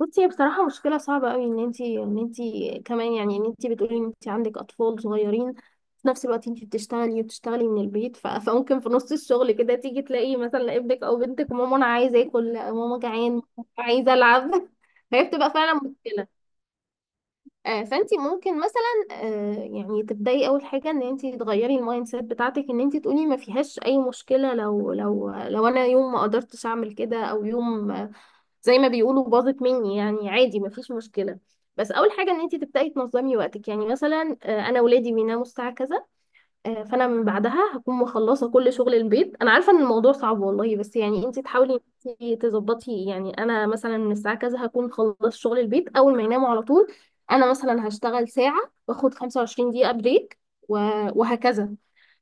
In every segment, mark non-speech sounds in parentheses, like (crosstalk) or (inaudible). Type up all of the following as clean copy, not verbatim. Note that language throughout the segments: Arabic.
بصي، هي بصراحة مشكلة صعبة قوي ان انتي ان انتي كمان، يعني ان انتي بتقولي ان انتي عندك اطفال صغيرين في نفس الوقت انتي بتشتغلي وبتشتغلي من البيت (laughs) فممكن في نص الشغل كده تيجي تلاقي مثلا ابنك او بنتك ماما انا عايزة اكل، لا، ماما جعان، ماما عايزة العب. (laughs) فهي بتبقى فعلا مشكلة. فانتي ممكن مثلا، يعني تبدأي اول حاجة ان انتي تغيري المايند سيت بتاعتك، ان انتي تقولي ما فيهاش اي مشكلة لو لو انا يوم ما قدرتش اعمل كده، او يوم زي ما بيقولوا باظت مني يعني عادي مفيش مشكلة. بس اول حاجة ان انت تبدأي تنظمي وقتك. يعني مثلا، انا ولادي بيناموا الساعة كذا، فانا من بعدها هكون مخلصة كل شغل البيت. انا عارفة ان الموضوع صعب والله، بس يعني انت تحاولي إن انت تظبطي. يعني انا مثلا من الساعة كذا هكون مخلص شغل البيت اول ما يناموا على طول. انا مثلا هشتغل ساعة واخد 25 دقيقة بريك و- وهكذا.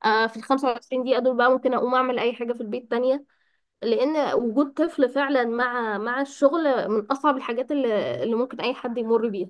في ال 25 دقيقة دول بقى ممكن اقوم اعمل اي حاجة في البيت تانية، لان وجود طفل فعلا مع الشغل من اصعب الحاجات اللي ممكن اي حد يمر بيها.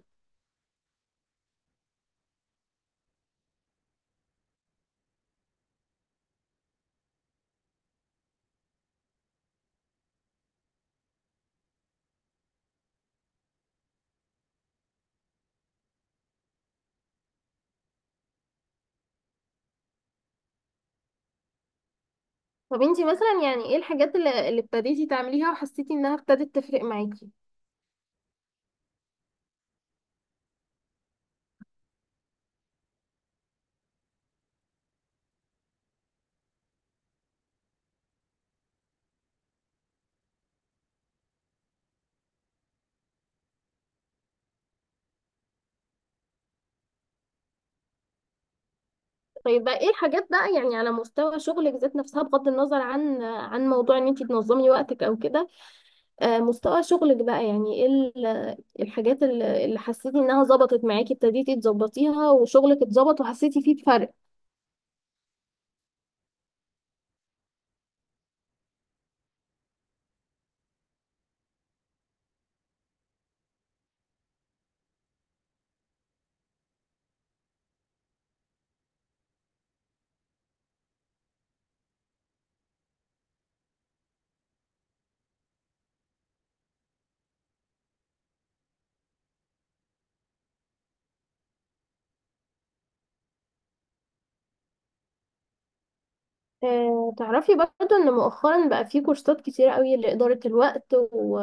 طب انتي مثلا يعني ايه الحاجات اللي ابتديتي تعمليها وحسيتي انها ابتدت تفرق معاكي؟ طيب بقى ايه الحاجات بقى، يعني على مستوى شغلك ذات نفسها بغض النظر عن موضوع ان انتي تنظمي وقتك او كده؟ مستوى شغلك بقى، يعني ايه الحاجات اللي حسيتي انها ظبطت معاكي ابتديتي تظبطيها وشغلك اتظبط وحسيتي فيه بفرق؟ تعرفي برضه ان مؤخرا بقى في كورسات كتيرة قوي لإدارة الوقت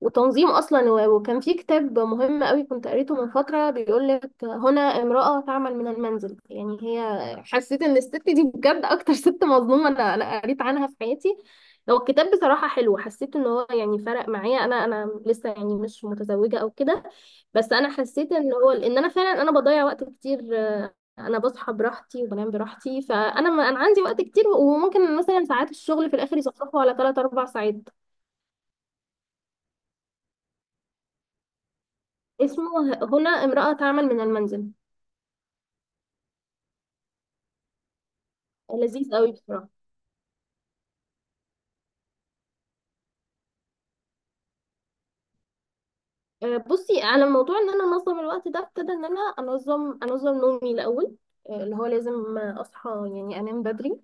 وتنظيم اصلا، وكان في كتاب مهم قوي كنت قريته من فتره بيقول لك هنا امراه تعمل من المنزل. يعني هي حسيت ان الست دي بجد اكتر ست مظلومه انا قريت عنها في حياتي. هو الكتاب بصراحه حلو، حسيت ان هو يعني فرق معايا. انا لسه يعني مش متزوجه او كده، بس انا حسيت ان هو ان انا فعلا انا بضيع وقت كتير. انا بصحى براحتي وبنام براحتي، فانا ما انا عندي وقت كتير، وممكن مثلا ساعات الشغل في الاخر يصفصفوا على 3 4 ساعات. اسمه هنا امرأة تعمل من المنزل. لذيذ قوي بصراحة. بصي، على موضوع ان انا انظم الوقت ده ابتدى ان انا انظم نومي الاول. اللي هو لازم، اصحى، يعني انام بدري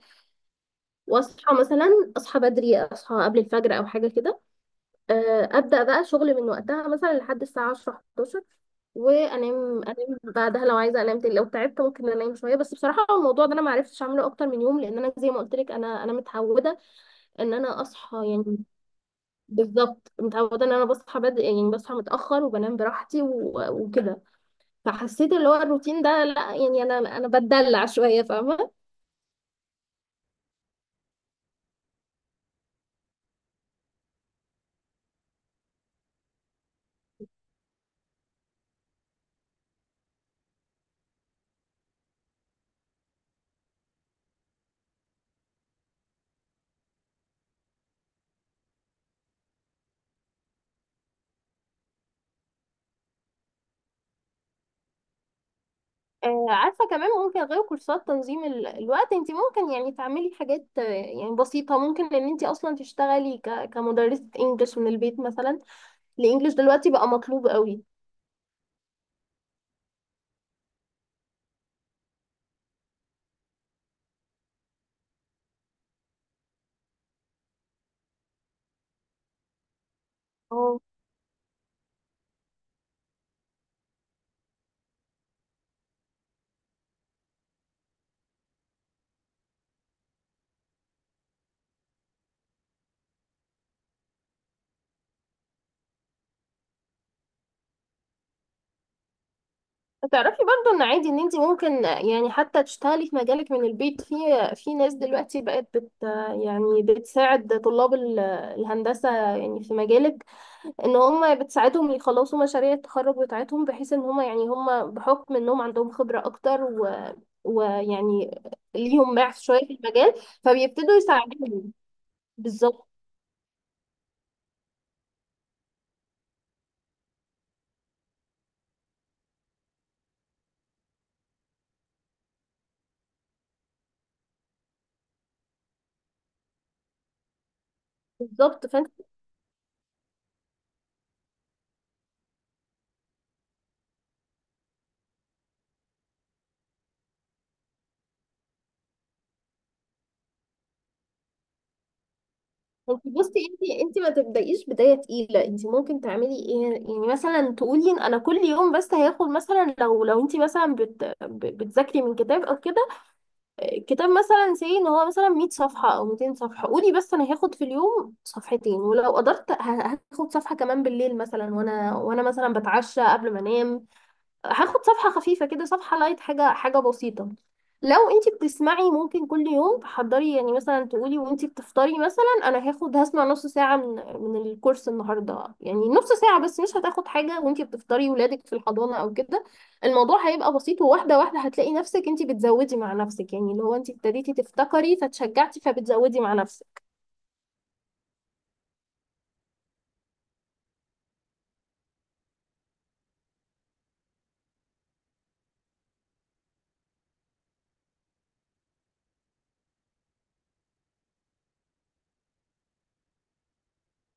واصحى اصحى بدري، اصحى قبل الفجر او حاجة كده. ابدأ بقى شغل من وقتها مثلا لحد الساعة 10 11، وانام بعدها لو عايزه انام تاني، لو تعبت ممكن انام شويه. بس بصراحه الموضوع ده انا ما عرفتش اعمله اكتر من يوم، لان انا زي ما قلت لك انا متعوده ان انا اصحى يعني. بالظبط، متعوده ان انا بصحى بدري، يعني بصحى متاخر وبنام براحتي وكده. فحسيت اللي هو الروتين ده، لا يعني انا بتدلع شويه، فاهمه. آه، عارفه كمان ممكن غير كورسات تنظيم الوقت انت ممكن يعني تعملي حاجات، يعني بسيطه. ممكن ان انت اصلا تشتغلي كمدرسه انجلش من البيت مثلا. الانجليش دلوقتي بقى مطلوب قوي. اه، تعرفي برضو ان عادي ان انت ممكن يعني حتى تشتغلي في مجالك من البيت. في ناس دلوقتي بقت يعني بتساعد طلاب الهندسة يعني في مجالك، ان هم بتساعدهم يخلصوا مشاريع التخرج بتاعتهم، بحيث ان هم يعني هم بحكم انهم عندهم خبرة اكتر و ويعني ليهم معرف شوية في المجال، فبيبتدوا يساعدوهم. بالظبط. بالظبط، انت بصي، انت ما تبدايش بدايه تقيله. انت ممكن تعملي ايه؟ يعني مثلا تقولي ان انا كل يوم بس هياخد مثلا، لو انت مثلا بتذاكري من كتاب او كده، كتاب مثلا سي ان هو مثلا 100 صفحه او 200 صفحه، قولي بس انا هاخد في اليوم صفحتين، ولو قدرت هاخد صفحه كمان بالليل مثلا، وانا مثلا بتعشى قبل ما انام هاخد صفحة خفيفة كده، صفحة لايت، حاجة حاجة بسيطة. لو انتي بتسمعي ممكن كل يوم تحضري، يعني مثلا تقولي وانتي بتفطري مثلا انا هسمع نص ساعة من الكورس النهاردة. يعني نص ساعة بس، مش هتاخد حاجة وانتي بتفطري ولادك في الحضانة او كده. الموضوع هيبقى بسيط، وواحدة واحدة هتلاقي نفسك انتي بتزودي مع نفسك، يعني اللي هو انتي ابتديتي تفتكري فتشجعتي فبتزودي مع نفسك.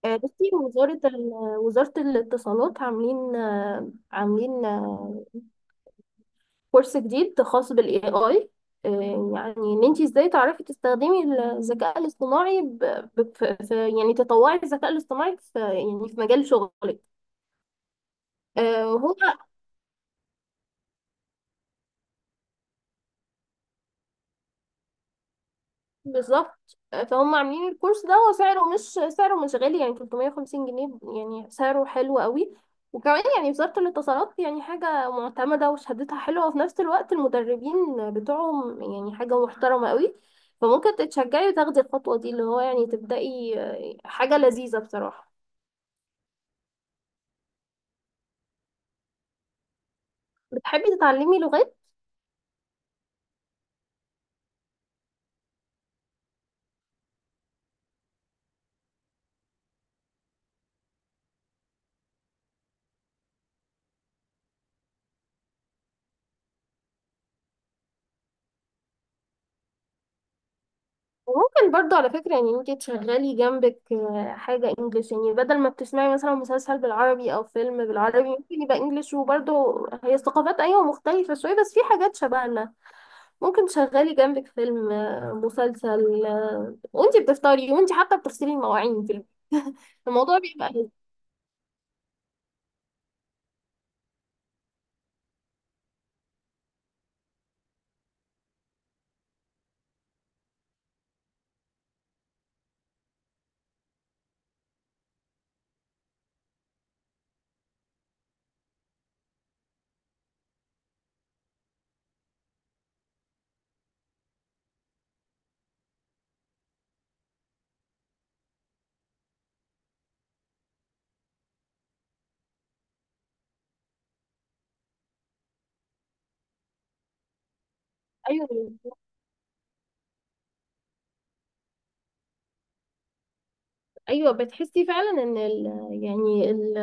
بصي، وزارة وزارة الاتصالات عاملين، كورس جديد خاص بالاي اي، يعني ان انت ازاي تعرفي تستخدمي الذكاء الاصطناعي، يعني تطوعي الذكاء الاصطناعي في يعني في مجال شغلك. آه، هو بالظبط. فهم عاملين الكورس ده وسعره مش سعره مش غالي، يعني 350 جنيه. يعني سعره حلو قوي. وكمان يعني وزارة الاتصالات يعني حاجة معتمدة وشهادتها حلوة، وفي نفس الوقت المدربين بتوعهم يعني حاجة محترمة قوي. فممكن تتشجعي وتاخدي الخطوة دي، اللي هو يعني تبدأي، حاجة لذيذة بصراحة. بتحبي تتعلمي لغات؟ وممكن برضو على فكرة يعني انت تشغلي جنبك، حاجة انجليش. يعني بدل ما بتسمعي مثلا مسلسل بالعربي او فيلم بالعربي ممكن يبقى انجليش، وبرضو هي الثقافات ايوه مختلفة شوية بس في حاجات شبهنا. ممكن تشغلي جنبك فيلم، مسلسل، وانت بتفطري وانت حتى بتغسلي المواعين في البيت. (laughs) الموضوع بيبقى لذيذ. ايوه، ايوه بتحسي فعلا ان ال يعني ال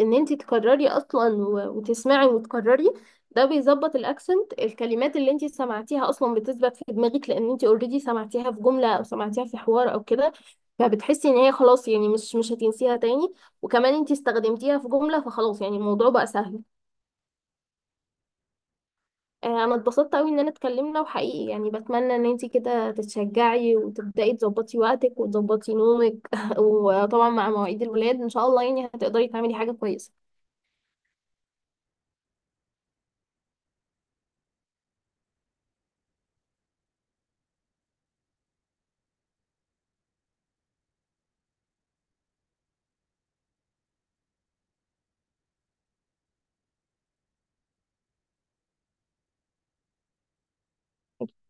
ان انت تكرري اصلا، وتسمعي وتكرري. ده بيظبط الاكسنت، الكلمات اللي انت سمعتيها اصلا بتثبت في دماغك، لان انت اوريدي سمعتيها في جمله او سمعتيها في حوار او كده، فبتحسي ان هي خلاص يعني مش هتنسيها تاني. وكمان انت استخدمتيها في جمله فخلاص يعني الموضوع بقى سهل. انا اتبسطت قوي اننا اتكلمنا، وحقيقي يعني بتمنى ان انتي كده تتشجعي وتبداي تظبطي وقتك وتظبطي نومك (laughs) وطبعا مع مواعيد الولاد ان شاء الله يعني هتقدري تعملي حاجه كويسه.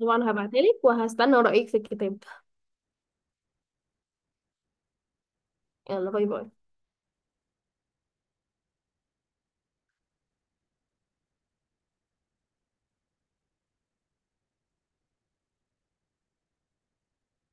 طبعا هبعتلك وهستنى رايك في الكتاب. يلا، باي باي.